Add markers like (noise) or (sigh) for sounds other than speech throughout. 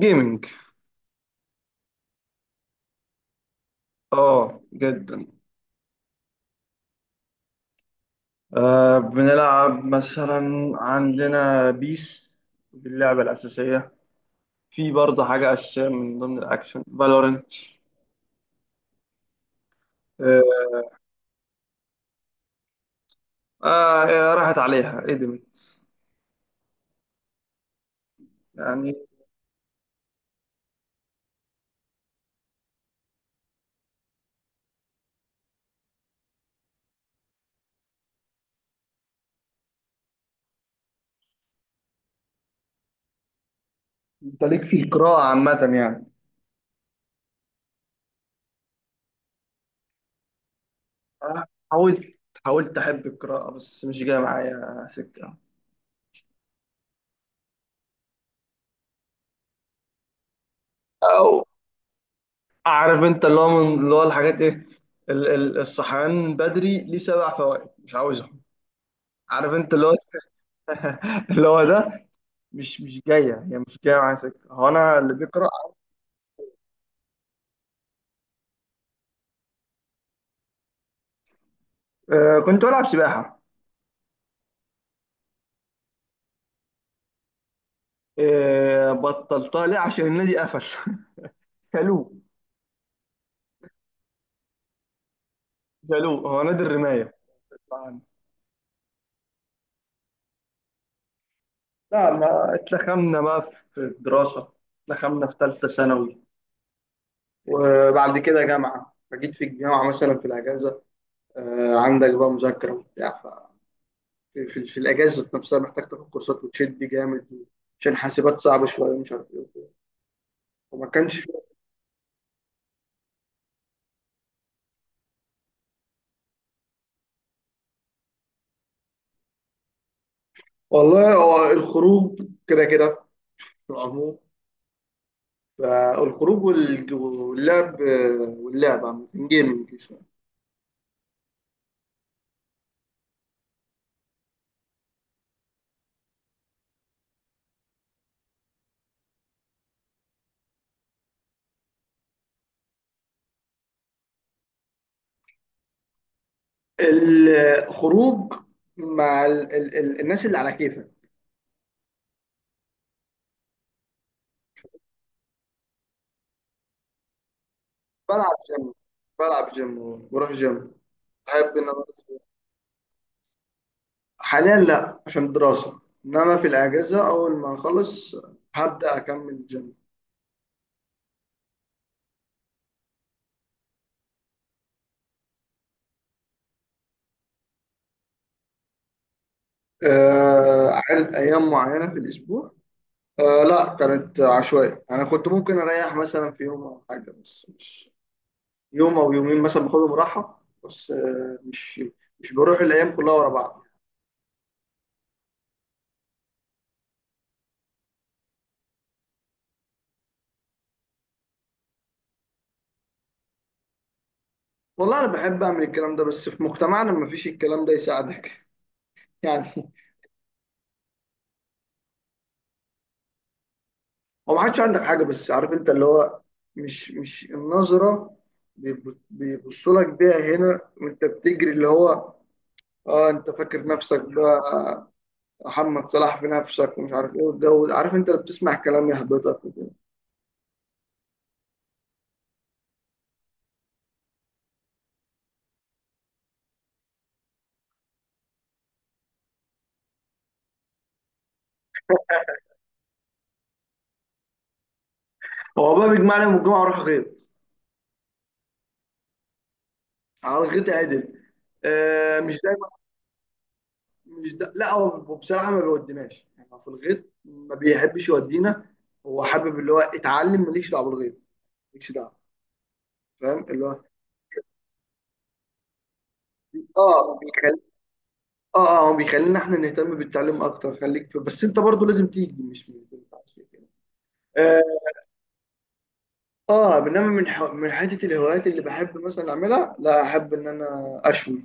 جيمنج. اه، جدا. بنلعب مثلا عندنا بيس. دي اللعبة الأساسية. في برضه حاجة أساسية من ضمن الأكشن، فالورنت. آه, راحت عليها، قدمت. يعني. أنت ليك في القراءة عامة يعني؟ آه. حاولت. أحب القراءة، بس مش جاية معايا سكة. أو. أعرف أنت اللي هو، من اللي هو الحاجات إيه، الصحيان بدري ليه 7 فوائد مش عاوزهم. عارف أنت اللي هو. (laughs) اللي هو ده. مش جايه، هي مش جايه معايا سكه، هو انا اللي بيقرا. كنت بلعب سباحه. بطلتها ليه؟ عشان النادي قفل. (laughs) شالوه. شالوه، هو نادي الرمايه. لا، ما اتلخمنا بقى في الدراسه. اتلخمنا في ثالثه ثانوي. وبعد كده جامعه، فجيت في الجامعه مثلا في الاجازه. عندك بقى مذاكره وبتاع ف. في الاجازه نفسها، محتاج تاخد كورسات وتشد جامد. عشان حاسبات صعبه شويه، مش عارف ايه وكده. وما كانش. والله، هو الخروج كده كده، في العموم. فالخروج، واللعب. واللعب عامة، جيمنج شوية. الخروج مع ال ال ال الناس اللي على كيفك. بلعب جيم. بلعب جيم وبروح جيم. بحب ان انا بس-. حاليا لا، عشان دراسة. انما في الاجازة اول ما اخلص، هبدأ اكمل جيم. آه، عدد ايام معينة في الاسبوع. آه، لا كانت عشوائية، انا كنت ممكن اريح مثلا في يوم او حاجة، بس مش. يوم او يومين مثلا باخدهم راحه، بس مش. مش بروح الايام كلها ورا بعض. والله انا بحب اعمل الكلام ده، بس في مجتمعنا ما فيش الكلام ده يساعدك. (laughs) يعني. هو ما حدش عندك حاجه، بس عارف انت اللي هو، مش النظره، بيبصوا لك بيها هنا وانت بتجري، اللي هو. اه، انت فاكر نفسك بقى محمد صلاح في نفسك ومش عارف ايه والجو ده. عارف، انت اللي بتسمع كلام يهبطك وكده. هو بقى بيجمعني يوم الجمعه، اروح غيط. على الغيط عدل. مش زي. مش ده لا، هو بصراحه ما بيوديناش يعني، هو في الغيط ما بيحبش يودينا. هو حابب، اللي هو، اتعلم ماليش دعوه بالغيط. ماليش دعوه. فاهم اللي هو. اه، بيخلي. اه، اه، هو بيخلينا احنا نهتم بالتعليم اكتر، خليك في، بس انت برضو لازم تيجي، مش ينفعش كده. اه. آه، بينما من حته الهوايات اللي بحب مثلا اعملها، لا احب ان انا اشوي.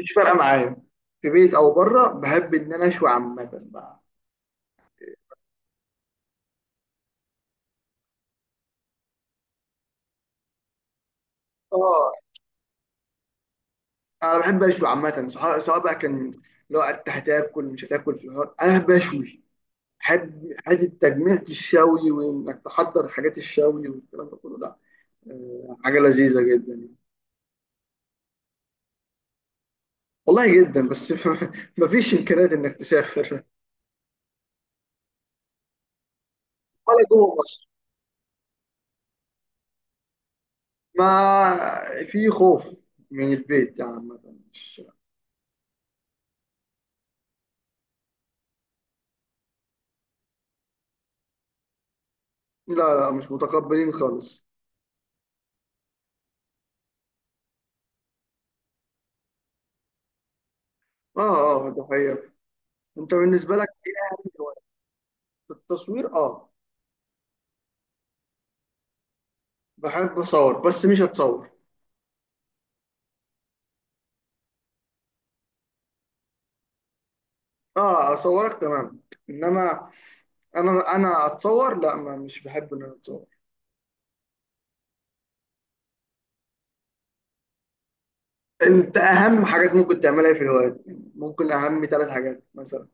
مش فارقه معايا. في بيت او بره، بحب ان انا اشوي عامه بقى. اه، انا بحب اشوي عامه، سواء بقى كان لو انت هتاكل مش هتاكل في النهار، انا بحب اشوي. بحب حته تجميع الشوي، وانك تحضر حاجات الشوي والكلام ده كله، لا. آه، حاجه لذيذه جدا يعني. والله جدا، بس. (laughs) مفيش امكانيات انك تسافر. ولا جوه مصر، ما في خوف من البيت يعني، عامه. مش. لا، لا، مش متقبلين خالص. اه. اه، ده حقيقة. انت بالنسبه لك ايه اهم هواية؟ التصوير، اه. بحب اصور، بس مش هتصور. اه، اصورك تمام. انما انا اتصور، لا ما مش بحب ان انا اتصور. انت اهم حاجات ممكن تعملها في الهوايات؟ ممكن اهم 3 حاجات مثلا؟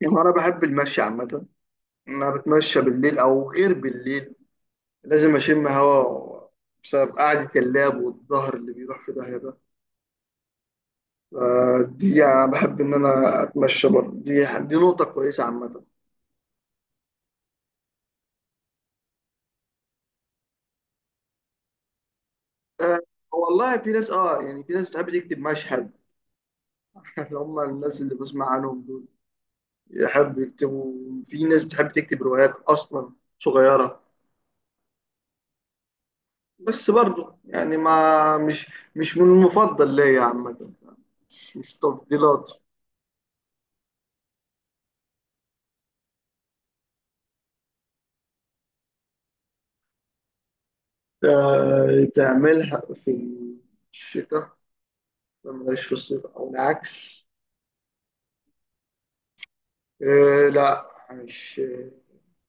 يعني انا بحب المشي عامه. انا بتمشى بالليل او غير بالليل. لازم اشم هوا. بسبب قعده اللاب والظهر اللي بيروح في داهيه ده. آه، دي يعني انا بحب ان انا اتمشى برضه، دي نقطه كويسه عامه. آه. والله في ناس، اه يعني، في ناس بتحب تكتب مشهد. (laughs) اللي هم الناس اللي بسمع عنهم دول يحب يكتبوا. في ناس بتحب تكتب روايات اصلا، صغيره. بس برضه يعني ما مش، مش من المفضل ليا عامه. مش تفضيلات. آه، تعملها في الشتاء ما ملهاش في الصيف او العكس؟ آه، لا مش.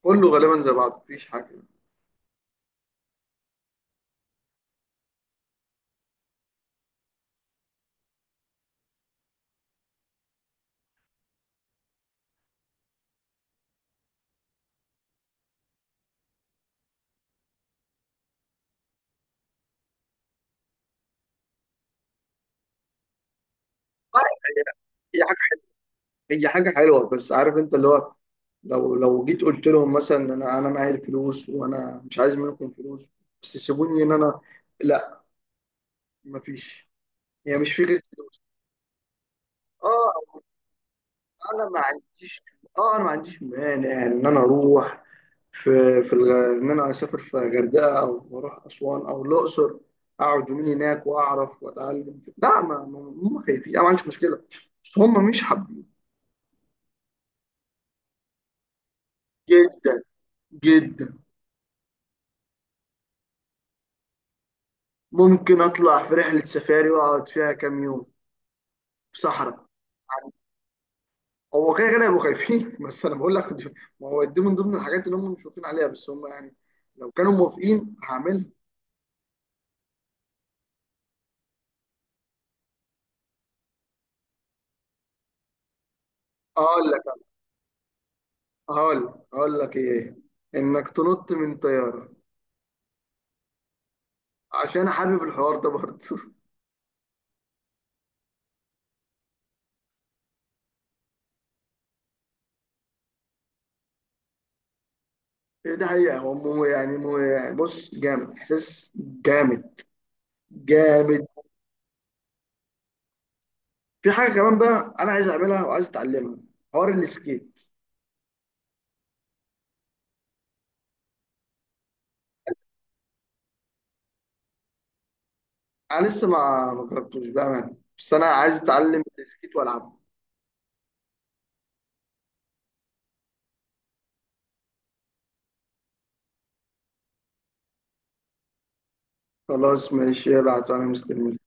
كله غالبا زي بعض، مفيش حاجه. آه، هي هي حاجه هي حاجه حلوه، بس عارف انت اللي هو، لو جيت قلت لهم مثلا، انا معايا الفلوس، وانا مش عايز منكم فلوس، بس سيبوني ان انا. مفيش. هي يعني مش فكره فلوس. اه، انا ما عنديش. اه، انا ما عنديش مانع ان انا اروح في ان انا اسافر في غردقه او اروح اسوان او الاقصر، اقعد يومين هناك واعرف واتعلم، لا، هم خايفين، انا ما عنديش مشكله، بس هم مش حابين. جدا. جدا. ممكن اطلع في رحله سفاري واقعد فيها كام يوم، في صحراء. يعني. هو كده كده هيبقوا خايفين، (laughs) بس انا بقول لك، ما هو دي من ضمن الحاجات اللي هم مش واقفين عليها، بس هم يعني لو كانوا موافقين هعملها. هقول لك هقول لك ايه؟ انك تنط من طياره. عشان حابب الحوار ده برضه. (laughs) إيه، ده حقيقه، هو مو يعني بص جامد، احساس جامد. جامد. في حاجه كمان بقى انا عايز اعملها وعايز اتعلمها، حوار السكيت. بس انا لسه ما جربتوش بقى، بس انا عايز اتعلم السكيت والعبه. خلاص ماشي، ابعت وانا مستنيك.